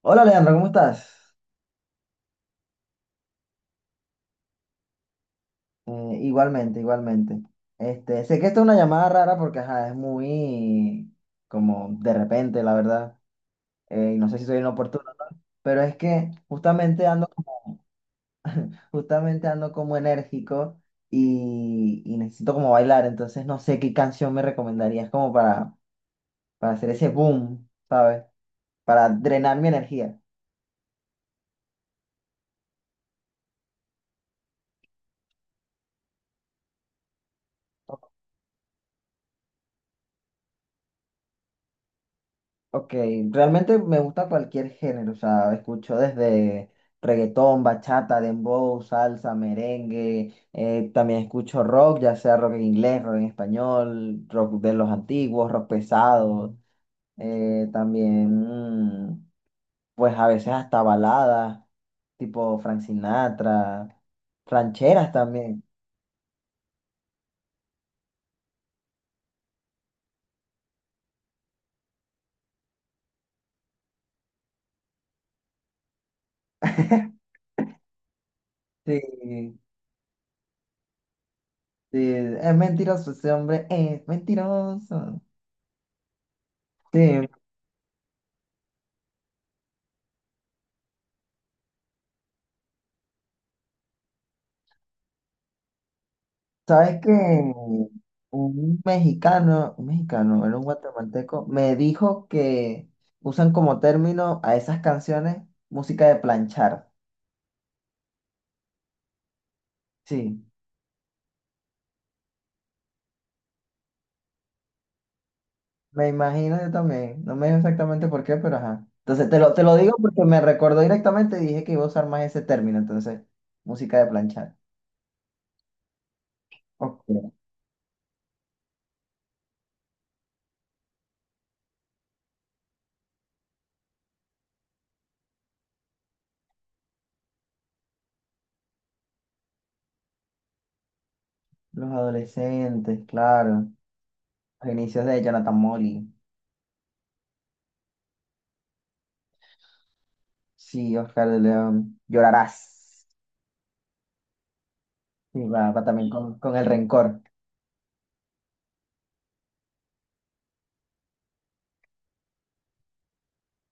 Hola Leandro, ¿cómo estás? Igualmente, igualmente. Este, sé que esta es una llamada rara porque ajá, es muy como de repente, la verdad. Y no sé si soy inoportuno, ¿no? Pero es que justamente ando como enérgico y necesito como bailar, entonces no sé qué canción me recomendarías como para hacer ese boom, ¿sabes? Para drenar mi energía. Ok, realmente me gusta cualquier género, o sea, escucho desde reggaetón, bachata, dembow, salsa, merengue, también escucho rock, ya sea rock en inglés, rock en español, rock de los antiguos, rock pesado, también mm, pues a veces hasta baladas, tipo Frank Sinatra, rancheras también. Sí, sí, es mentiroso ese hombre, es mentiroso. Sí, sabes que un mexicano, era un guatemalteco, me dijo que usan como término a esas canciones música de planchar. Sí, me imagino yo también. No me dijo exactamente por qué, pero ajá. Entonces te lo digo porque me recordó directamente y dije que iba a usar más ese término. Entonces, música de planchar. Ok. Los adolescentes, claro. Los inicios de Jonathan Molly. Sí, Oscar de León. Llorarás. Sí, va, va también con el rencor.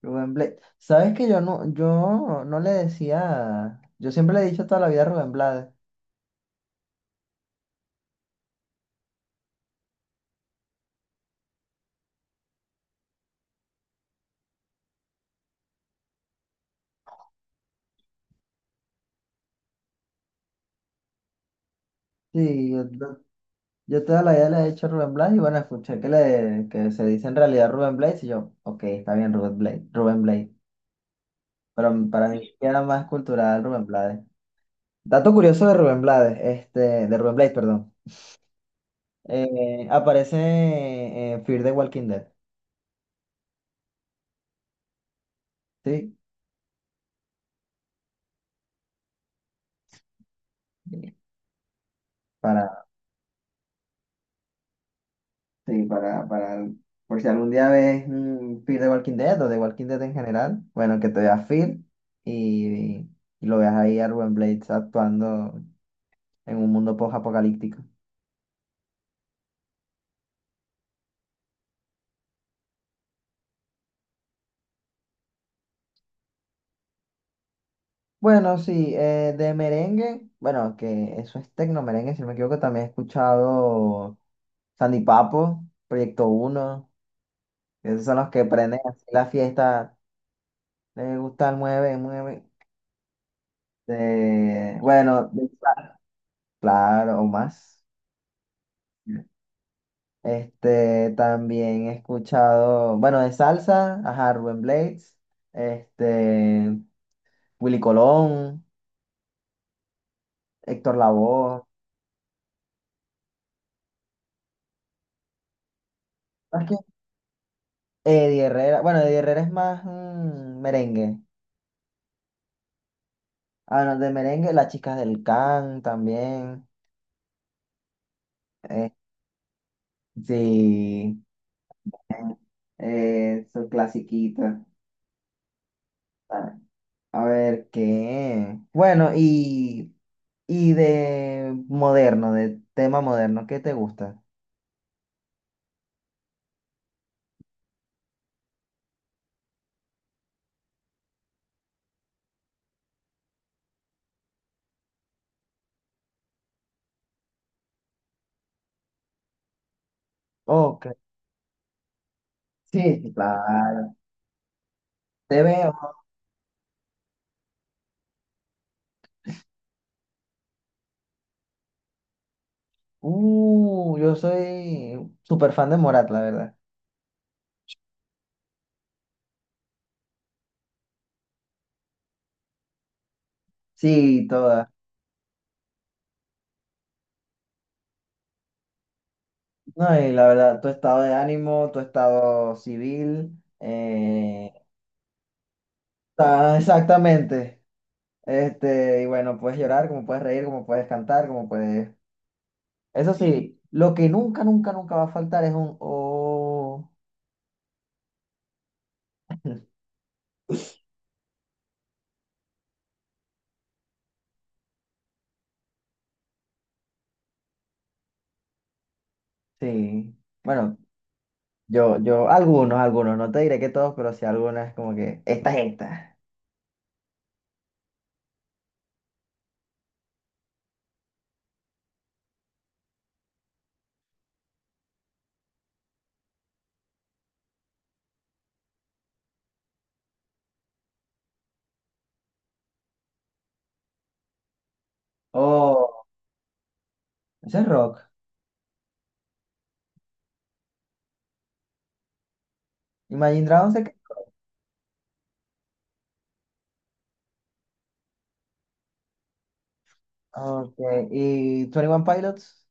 Rubén Blades. ¿Sabes que yo no, yo no le decía, yo siempre le he dicho toda la vida a Rubén Blades. Sí, yo toda la vida le he dicho Rubén Blades y bueno, escuché que se dice en realidad Rubén Blades y yo, ok, está bien Rubén Blades, Rubén Blades. Pero para mí era más cultural Rubén Blades. Dato curioso de Rubén Blades, de Rubén Blades, perdón. Aparece en Fear the Walking Dead, ¿sí? para Sí, para, por si algún día ves un feed de Walking Dead o de Walking Dead en general, bueno, que te veas feed y, y lo veas ahí a Ruben Blades actuando en un mundo post-apocalíptico. Bueno, sí, de merengue, bueno, que eso es tecno merengue, si no me equivoco, también he escuchado Sandy Papo, Proyecto Uno, esos son los que prenden así la fiesta, les gusta el mueve, mueve. De, bueno, de- claro, o más. Este, también he escuchado, bueno, de salsa, ajá, Rubén Blades, este, Willy Colón, Héctor Lavoe, más que Eddie Herrera, bueno, Eddie Herrera es más merengue. Ah, no, de merengue, Las Chicas del Can también. eh, sí, su clasiquita. Ah, a ver qué. Bueno, y de moderno, de tema moderno, ¿qué te gusta? Ok, sí, sí, claro. Te veo. Yo soy súper fan de Morat, la verdad. Sí, toda. No, y la verdad, tu estado de ánimo, tu estado civil. eh, ah, exactamente. Este, y bueno, puedes llorar, como puedes reír, como puedes cantar, como puedes. Eso sí, lo que nunca, nunca, nunca va a faltar es un oh. Sí. Bueno, yo, algunos, no te diré que todos, pero sí algunas como que esta es esta. Oh, ese es rock. Imagine Dragons se quedó. Ok, ¿y 21 Pilots?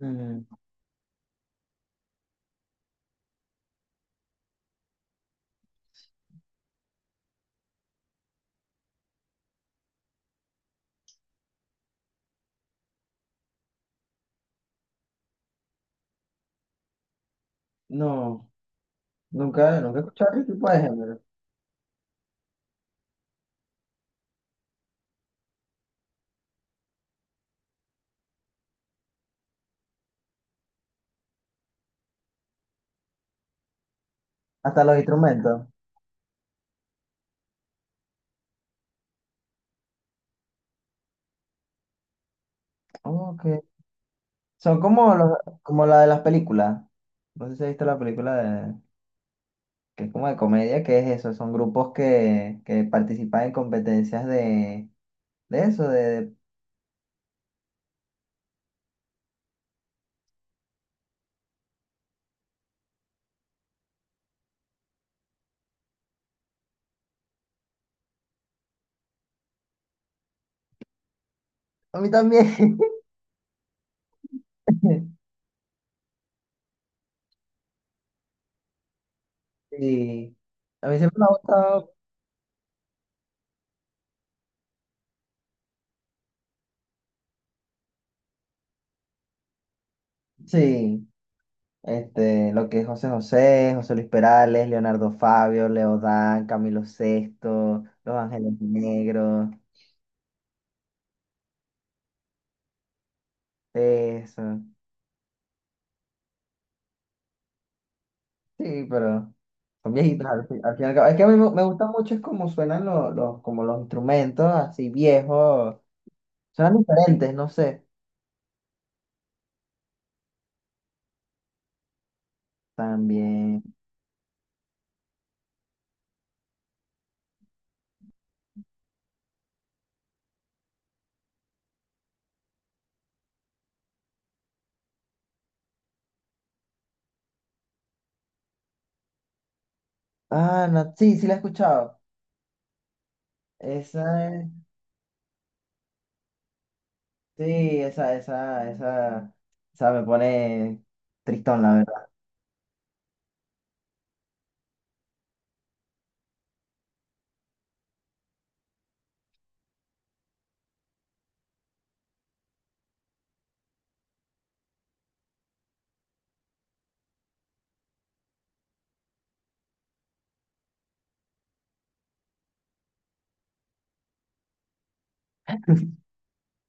Mm, no, nunca, nunca he escuchado ese tipo de género. Hasta los instrumentos. Ok. Son como, los, Como la de las películas. No sé si has visto la película de, que es como de comedia, que es eso. Son grupos que participan en competencias de A mí también. Sí. A mí siempre me ha gustado. Sí. Este, lo que es José José, José Luis Perales, Leonardo Fabio, Leodán, Camilo Sesto, Los Ángeles Negros, eso. Sí, pero son viejitos fin al fin y al cabo. Es que a mí me gusta mucho es como suenan como los instrumentos así viejos. Suenan diferentes, no sé. También. Ah, no, sí, sí la he escuchado. Esa es, sí, Esa me pone tristón, la verdad.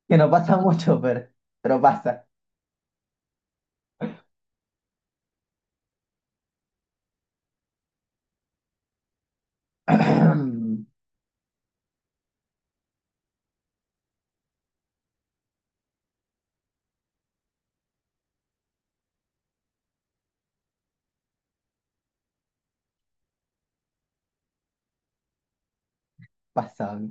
Que no pasa mucho, pero pasa. Pasable.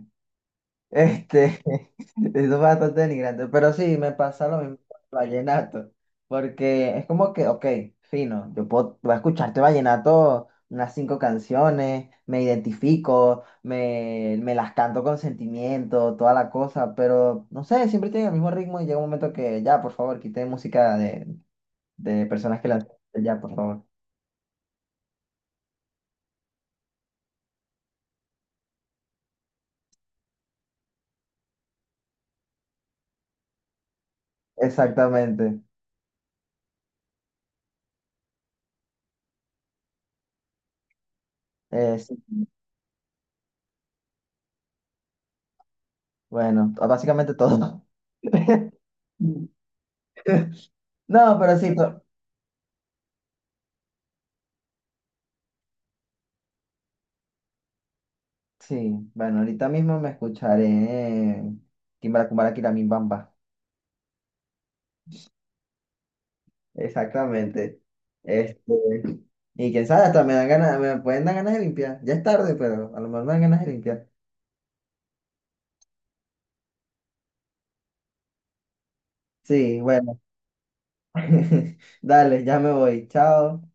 Este, es bastante denigrante, pero sí, me pasa lo mismo con el vallenato, porque es como que, ok, fino, yo puedo, voy a escucharte vallenato unas 5 canciones, me identifico, me las canto con sentimiento, toda la cosa, pero no sé, siempre tiene el mismo ritmo y llega un momento que ya, por favor, quité música de personas que la... Ya, por favor. Exactamente. Sí, bueno, básicamente todo. No, pero sí, to- Sí. Bueno, ahorita mismo me escucharé Kimbara Kumbara Kiramin Bamba. Exactamente. Este, y quién sabe, hasta me dan ganas, me pueden dar ganas de limpiar. Ya es tarde, pero a lo mejor me dan ganas de limpiar. Sí, bueno. Dale, ya me voy. Chao.